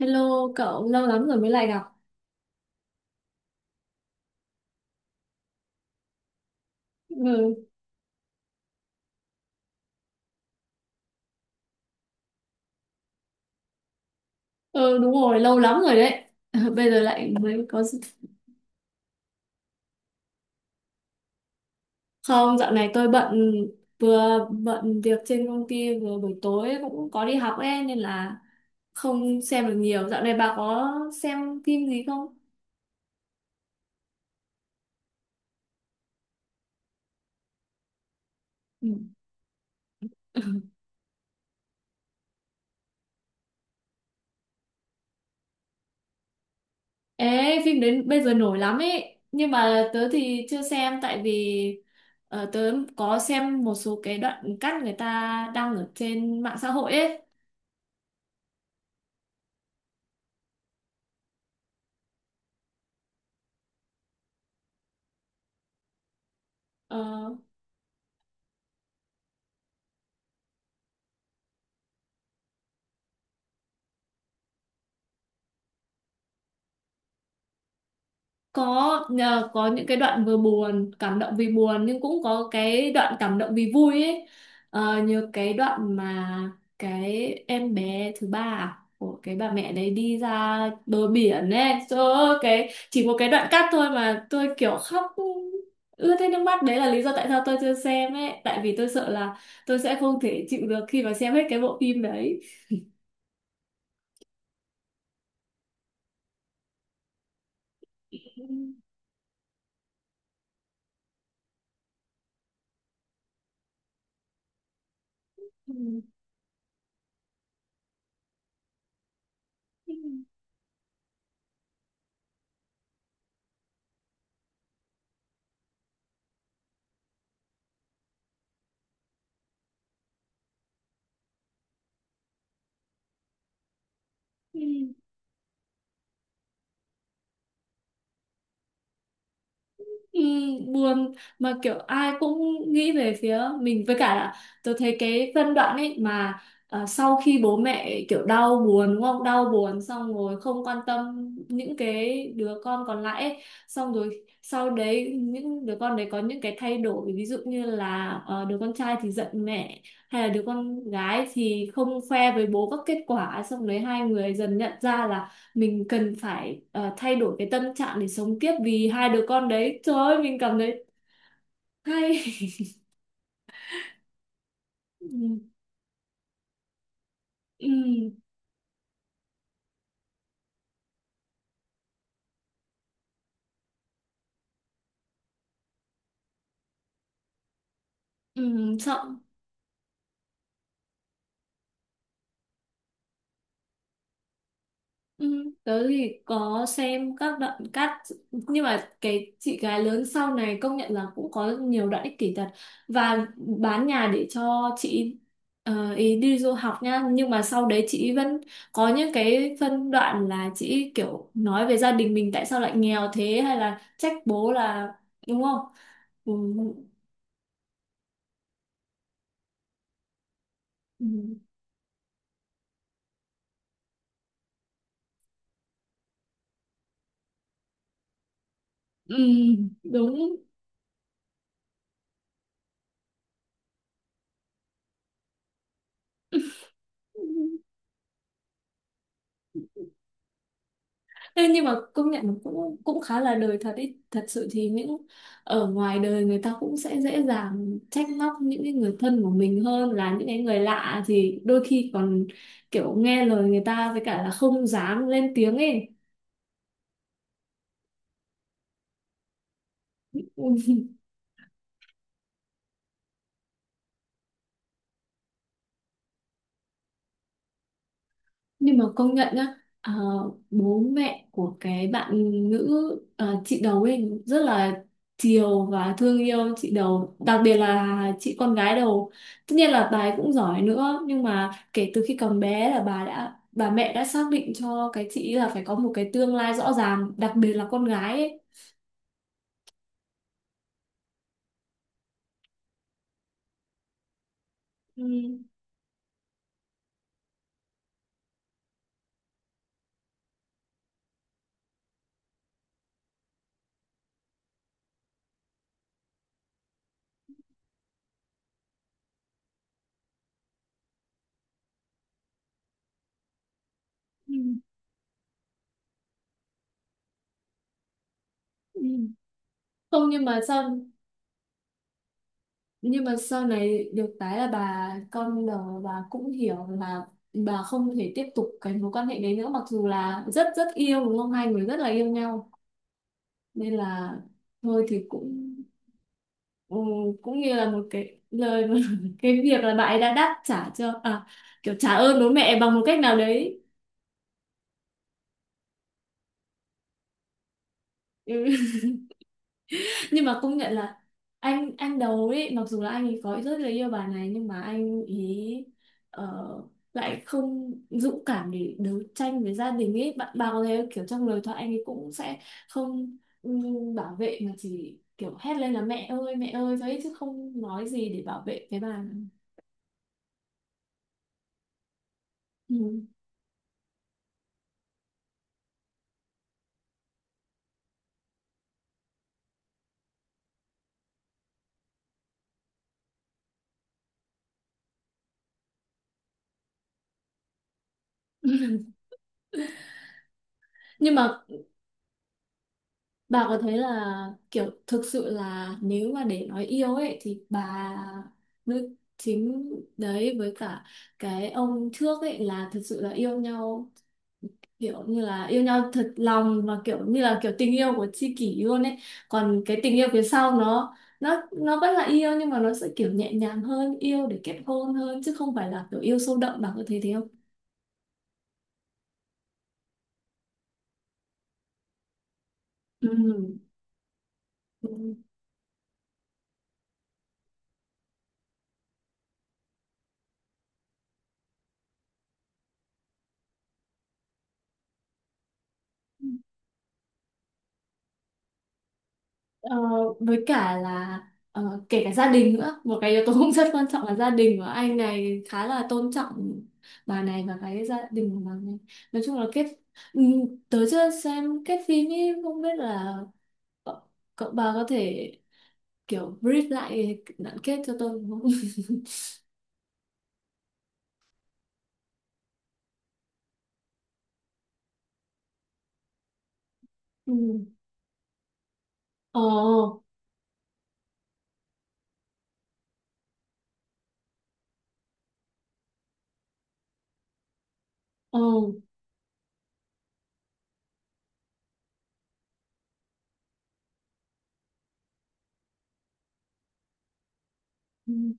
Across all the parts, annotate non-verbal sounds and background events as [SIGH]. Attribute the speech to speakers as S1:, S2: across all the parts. S1: Hello cậu, lâu lắm rồi mới lại gặp. Ừ, ừ, đúng rồi, lâu lắm rồi đấy. [LAUGHS] Bây giờ lại mới có... Không, dạo này tôi bận, vừa bận việc trên công ty, vừa buổi tối cũng có đi học ấy, nên là không xem được nhiều. Dạo này bà có xem phim gì không? Ừ. [LAUGHS] Ê, phim đến bây giờ nổi lắm ấy. Nhưng mà tớ thì chưa xem tại vì tớ có xem một số cái đoạn cắt người ta đăng ở trên mạng xã hội ấy. Ờ, có nhờ có những cái đoạn vừa buồn cảm động vì buồn nhưng cũng có cái đoạn cảm động vì vui ấy. Ờ, như cái đoạn mà cái em bé thứ ba của cái bà mẹ đấy đi ra bờ biển ấy, trời ơi, cái chỉ một cái đoạn cắt thôi mà tôi kiểu khóc ướt hết nước mắt, đấy là lý do tại sao tôi chưa xem ấy, tại vì tôi sợ là tôi sẽ không thể chịu được khi mà xem hết cái bộ phim đấy. [LAUGHS] Ừ. Ừ. Ừ. Ừ, buồn mà kiểu ai cũng nghĩ về phía mình, với cả là tôi thấy cái phân đoạn ấy mà sau khi bố mẹ kiểu đau buồn đúng không, đau buồn xong rồi không quan tâm những cái đứa con còn lại ấy. Xong rồi sau đấy những đứa con đấy có những cái thay đổi, ví dụ như là đứa con trai thì giận mẹ, hay là đứa con gái thì không khoe với bố các kết quả, xong đấy hai người dần nhận ra là mình cần phải thay đổi cái tâm trạng để sống tiếp vì hai đứa con đấy, trời ơi mình cảm thấy hay. [LAUGHS] Ừ, ừ, ừ, sợ. Ừ, tớ thì có xem các đoạn cắt nhưng mà cái chị gái lớn sau này công nhận là cũng có nhiều đoạn ích kỷ thật, và bán nhà để cho chị ý đi du học nha, nhưng mà sau đấy chị vẫn có những cái phân đoạn là chị kiểu nói về gia đình mình tại sao lại nghèo thế, hay là trách bố là đúng không. Ừ, ừ, ừ, đúng. Thế nhưng mà công nhận nó cũng cũng khá là đời thật ý. Thật sự thì những ở ngoài đời người ta cũng sẽ dễ dàng trách móc những cái người thân của mình hơn là những cái người lạ, thì đôi khi còn kiểu nghe lời người ta, với cả là không dám lên tiếng ấy. Nhưng mà công nhận nhá, ờ, bố mẹ của cái bạn nữ chị đầu ấy rất là chiều và thương yêu chị đầu, đặc biệt là chị con gái đầu, tất nhiên là bà ấy cũng giỏi nữa nhưng mà kể từ khi còn bé là bà mẹ đã xác định cho cái chị là phải có một cái tương lai rõ ràng, đặc biệt là con gái ấy. Ừ. Ừ, ừ, ừ. Không nhưng mà sao, nhưng mà sau này được cái là bà con đầu bà cũng hiểu là bà không thể tiếp tục cái mối quan hệ đấy nữa, mặc dù là rất rất yêu đúng không, hai người rất là yêu nhau nên là thôi thì cũng ừ, cũng như là một cái lời [LAUGHS] cái việc là bà ấy đã đáp trả cho kiểu trả ơn bố mẹ bằng một cách nào đấy. Ừ. Nhưng mà công nhận là anh đầu ấy mặc dù là anh ấy có rất là yêu bà này nhưng mà anh ý ờ, lại không dũng cảm để đấu tranh với gia đình ấy, bạn bảo thế, kiểu trong lời thoại anh ấy cũng sẽ không bảo vệ mà chỉ kiểu hét lên là mẹ ơi thôi ấy, chứ không nói gì để bảo vệ cái bà. Ừ. [LAUGHS] Nhưng mà bà có thấy là kiểu thực sự là nếu mà để nói yêu ấy thì bà nữ chính đấy với cả cái ông trước ấy là thực sự là yêu nhau, kiểu như là yêu nhau thật lòng và kiểu như là kiểu tình yêu của tri kỷ luôn ấy, còn cái tình yêu phía sau nó nó vẫn là yêu nhưng mà nó sẽ kiểu nhẹ nhàng hơn, yêu để kết hôn hơn chứ không phải là kiểu yêu sâu đậm, bà có thấy thế không? Ừ. Ừ. Ờ, với cả là kể cả gia đình nữa, một cái yếu tố [LAUGHS] cũng rất quan trọng, là gia đình của anh này khá là tôn trọng bà này và cái gia đình của bà này, nói chung là kết, ừ, tớ chưa xem kết phim ý, không biết là cậu, cậu bà có thể kiểu brief lại đoạn kết cho tôi không? [LAUGHS] Ừ. Ờ, ờ, ừ.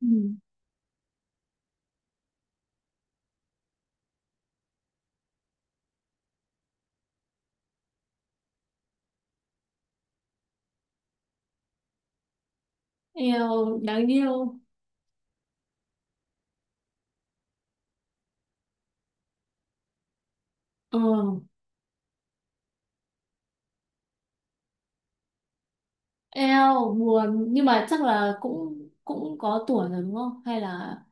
S1: Ừ. Eo đáng yêu. Ờ, eo buồn nhưng mà chắc là cũng cũng có tuổi rồi đúng không, hay là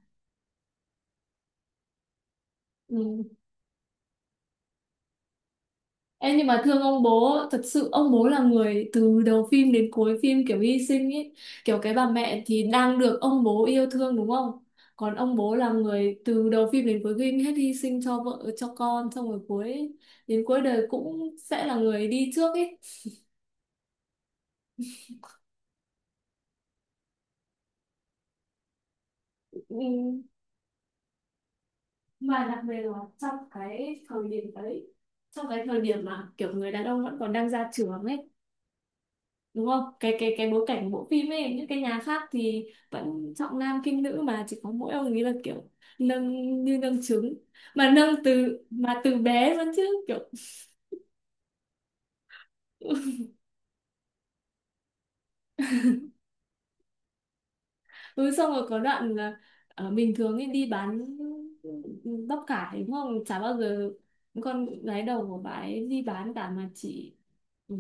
S1: ừ. Em nhưng mà thương ông bố, thật sự ông bố là người từ đầu phim đến cuối phim kiểu hy sinh ấy. Kiểu cái bà mẹ thì đang được ông bố yêu thương đúng không? Còn ông bố là người từ đầu phim đến cuối phim hết hy sinh cho vợ, cho con, xong rồi đến cuối đời cũng sẽ là người đi trước ấy. Ừ, mà đặc biệt là trong cái thời điểm đấy, trong cái thời điểm mà kiểu người đàn ông vẫn còn đang ra trường ấy, đúng không, cái bối cảnh của bộ phim ấy, những cái nhà khác thì vẫn trọng nam khinh nữ mà chỉ có mỗi ông ấy là kiểu nâng như nâng trứng, mà nâng từ bé luôn chứ kiểu [LAUGHS] ừ, xong rồi có đoạn là bình thường ấy đi bán bắp cải đúng không, chả bao giờ con gái đầu của bà ấy đi bán cả mà chỉ ừ,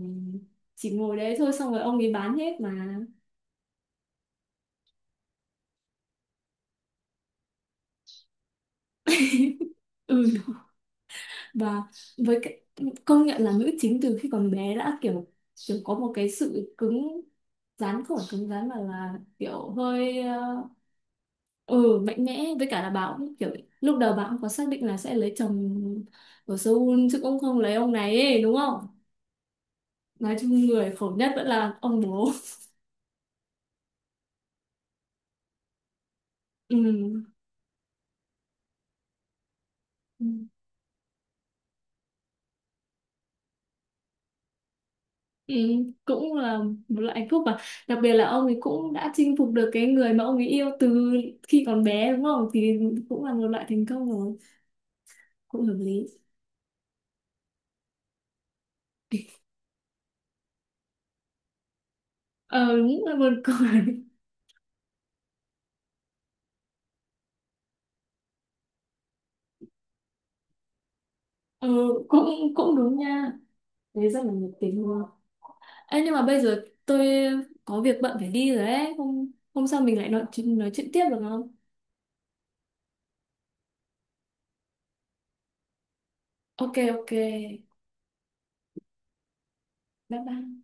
S1: chỉ ngồi đấy thôi xong rồi ông ấy bán hết mà. Ừ. Và với cái công nhận là nữ chính từ khi còn bé đã kiểu kiểu có một cái sự cứng rắn, không phải cứng rắn mà là kiểu hơi ừ mạnh mẽ, với cả là bà cũng kiểu lúc đầu bà cũng có xác định là sẽ lấy chồng ở Seoul chứ cũng không lấy ông này ấy, đúng không. Nói chung người khổ nhất vẫn là ông bố. [LAUGHS] Ừ. Ừ. Ừ. Cũng là một loại hạnh phúc mà, đặc biệt là ông ấy cũng đã chinh phục được cái người mà ông ấy yêu từ khi còn bé đúng không, thì cũng là một loại thành công rồi, cũng hợp lý. Ờ những là buồn cười. Ờ, cũng cũng đúng nha, thế rất là nhiệt tình luôn. Ê, nhưng mà bây giờ tôi có việc bận phải đi rồi ấy, hôm hôm sau mình lại nói chuyện tiếp được không? Ok ok bye bye.